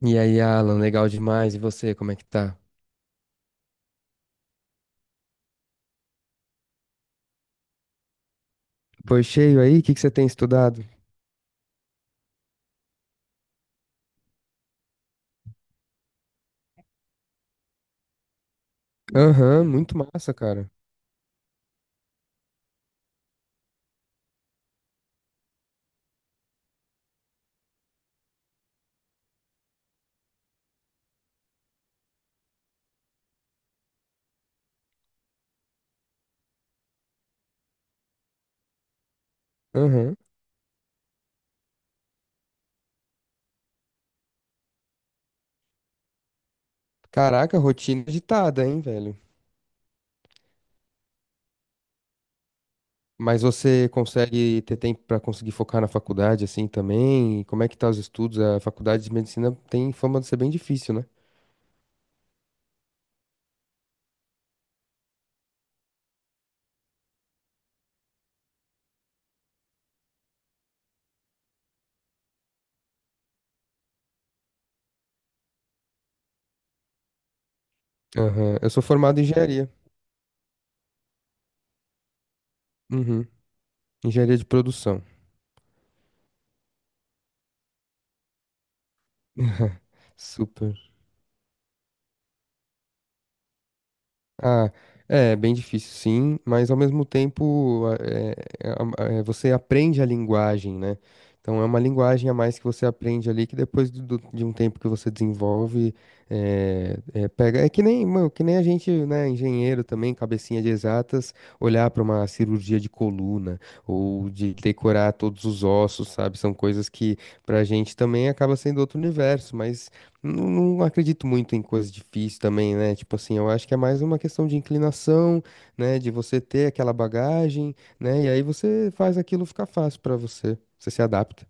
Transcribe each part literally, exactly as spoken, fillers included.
E aí, Alan, legal demais. E você, como é que tá? Pois cheio aí, o que que você tem estudado? Aham, muito massa, cara. Aham. Caraca, rotina agitada, hein, velho? Mas você consegue ter tempo pra conseguir focar na faculdade assim também? E como é que tá os estudos? A faculdade de medicina tem fama de ser bem difícil, né? Aham. Eu sou formado em engenharia. Uhum. Engenharia de produção. Super. Ah, é bem difícil, sim, mas ao mesmo tempo a- é- é é, você aprende a linguagem, né? Então é uma linguagem a mais que você aprende ali que depois do- do- de um tempo que você desenvolve, é, é, pega. É que nem, mano, que nem a gente, né, engenheiro também, cabecinha de exatas, olhar para uma cirurgia de coluna ou de decorar todos os ossos, sabe? São coisas que pra gente também acaba sendo outro universo, mas não, não acredito muito em coisas difíceis também, né? Tipo assim, eu acho que é mais uma questão de inclinação, né? De você ter aquela bagagem, né? E aí você faz aquilo ficar fácil pra você. Você se adapta.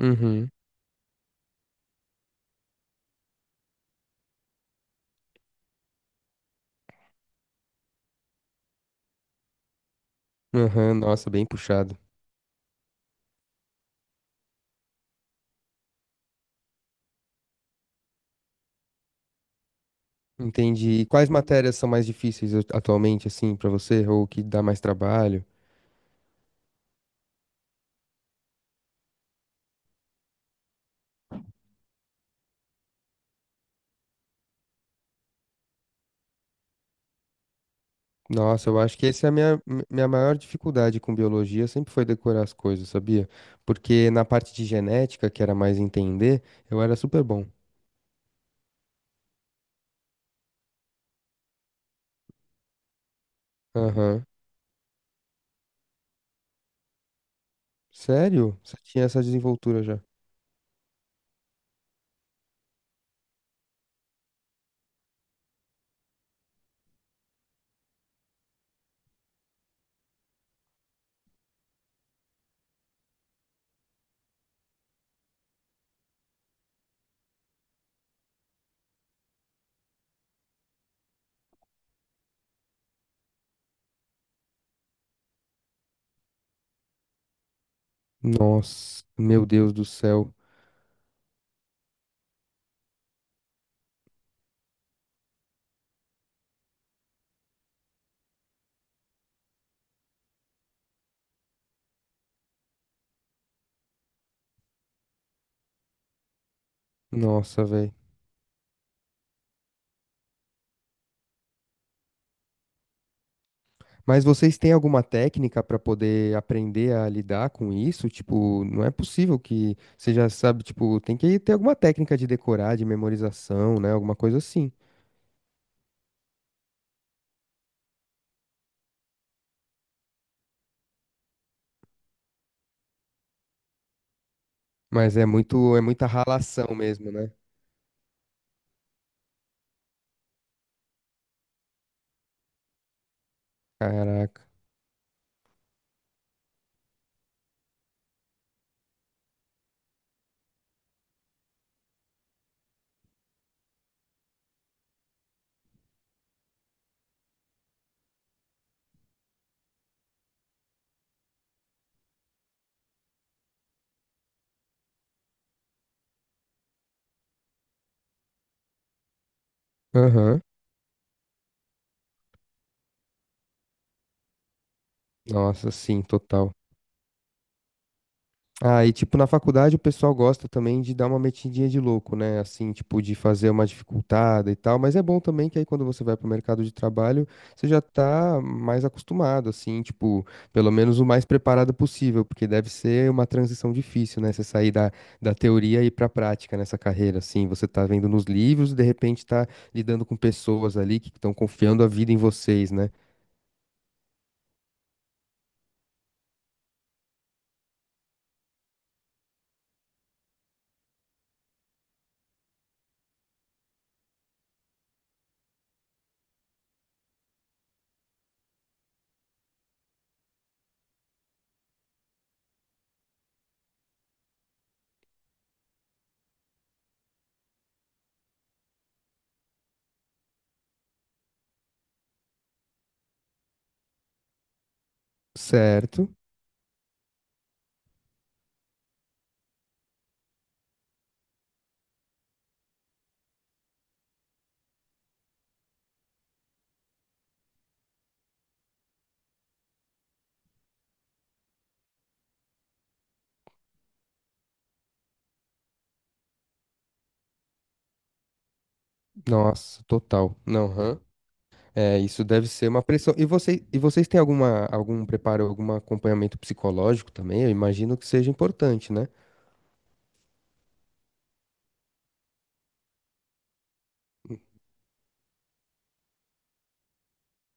Uhum. Aham, nossa, bem puxado. Entendi. E quais matérias são mais difíceis a- atualmente, assim, pra você? Ou que dá mais trabalho? Nossa, eu acho que essa é a minha, mi- minha maior dificuldade com biologia, sempre foi decorar as coisas, sabia? Porque na parte de genética, que era mais entender, eu era super bom. Aham. Sério? Você tinha essa desenvoltura já? Nossa, meu Deus do céu. Nossa, velho. Mas vocês têm alguma técnica pra poder aprender a lidar com isso? Tipo, não é possível que você já sabe, tipo, tem que ter alguma técnica de decorar, de memorização, né? Alguma coisa assim. Mas é muito, é muita ralação mesmo, né? Caraca. Aham. Nossa, sim, total. Ah, e tipo, na faculdade o pessoal gosta também de dar uma metidinha de louco, né? Assim, tipo, de fazer uma dificultada e tal, mas é bom também que aí quando você vai pro mercado de trabalho, você já tá mais acostumado, assim, tipo, pelo menos o mais preparado possível, porque deve ser uma transição difícil, né? Você sair da, da teoria e ir pra prática nessa carreira, assim, você tá vendo nos livros e de repente tá lidando com pessoas ali que estão confiando a vida em vocês, né? Certo. Nossa, total. Não, aham. É, isso deve ser uma pressão. E, você, e vocês têm alguma, algum preparo, algum acompanhamento psicológico também? Eu imagino que seja importante, né?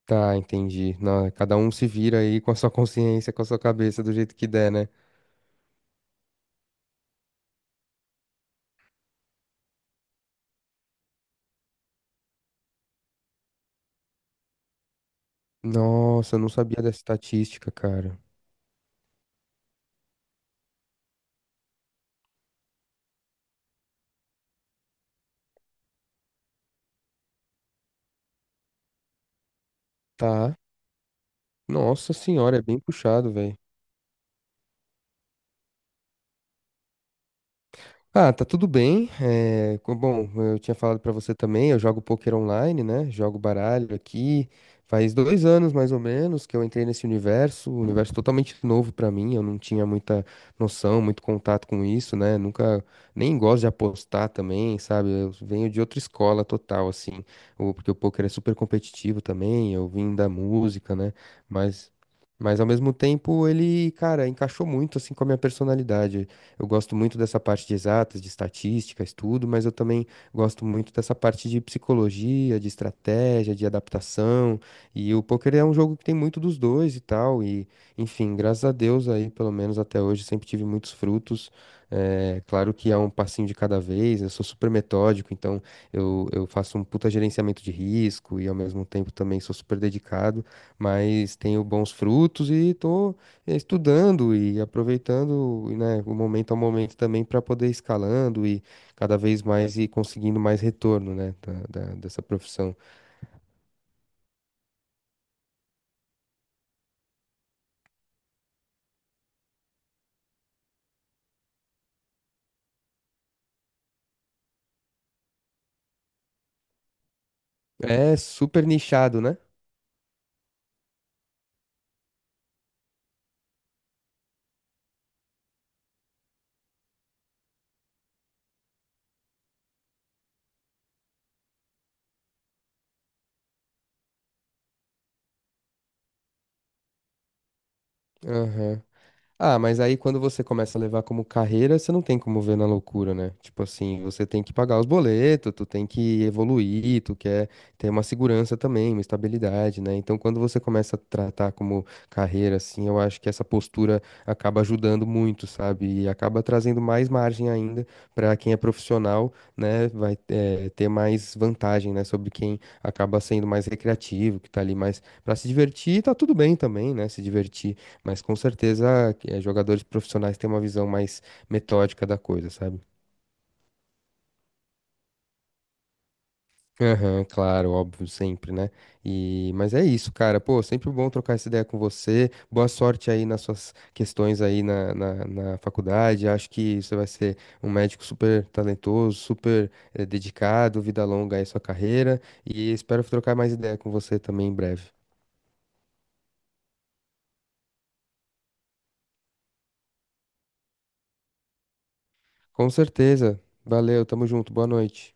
Tá, entendi. Na- cada um se vira aí com a sua consciência, com a sua cabeça, do jeito que der, né? Nossa, eu não sabia dessa estatística, cara. Tá. Nossa senhora, é bem puxado, velho. Ah, tá tudo bem. É, co- bom, eu tinha falado pra você também, eu jogo poker online, né? Jogo baralho aqui. Faz dois anos, mais ou menos, que eu entrei nesse universo, um universo totalmente novo pra mim. Eu não tinha muita noção, muito contato com isso, né? Nunca nem gosto de apostar também, sabe? Eu venho de outra escola total, assim. o- Porque o poker é super competitivo também. Eu vim da música, né? Mas, mas ao mesmo tempo ele, cara, encaixou muito assim com a minha personalidade, eu gosto muito dessa parte de exatas, de estatística, estudo, mas eu também gosto muito dessa parte de psicologia, de estratégia, de adaptação. E o poker é um jogo que tem muito dos dois e tal. E, enfim, graças a Deus aí, pelo menos até hoje, sempre tive muitos frutos. É, claro que é um passinho de cada vez, eu sou super metódico, então eu, eu faço um puta gerenciamento de risco e ao mesmo tempo também sou super dedicado, mas tenho bons frutos e tô é, estudando e aproveitando, né, o momento ao momento também para poder ir escalando e cada vez mais ir conseguindo mais retorno, né, da, da- dessa profissão. É super nichado, né? Aham. Ah, mas aí quando você começa a levar como carreira, você não tem como ver na loucura, né? Tipo assim, você tem que pagar os boletos, tu tem que evoluir, tu quer ter uma segurança também, uma estabilidade, né? Então quando você começa a tratar como carreira, assim, eu acho que essa postura acaba ajudando muito, sabe? E acaba trazendo mais margem ainda pra quem é profissional, né? Vai eh, ter mais vantagem, né? Sobre quem acaba sendo mais recreativo, que tá ali mais pra se divertir, tá tudo bem também, né? Se divertir. Mas com certeza eh, jogadores profissionais têm uma visão mais metódica da coisa, sabe? Aham, claro, óbvio, sempre, né? E, mas é isso, cara. Pô, sempre bom trocar essa ideia com você. Boa sorte aí nas suas questões aí na, na, na faculdade. Acho que você vai ser um médico super talentoso, super eh, dedicado, vida longa aí sua carreira. E espero trocar mais ideia com você também em breve. Com certeza. Valeu, tamo junto. Boa noite.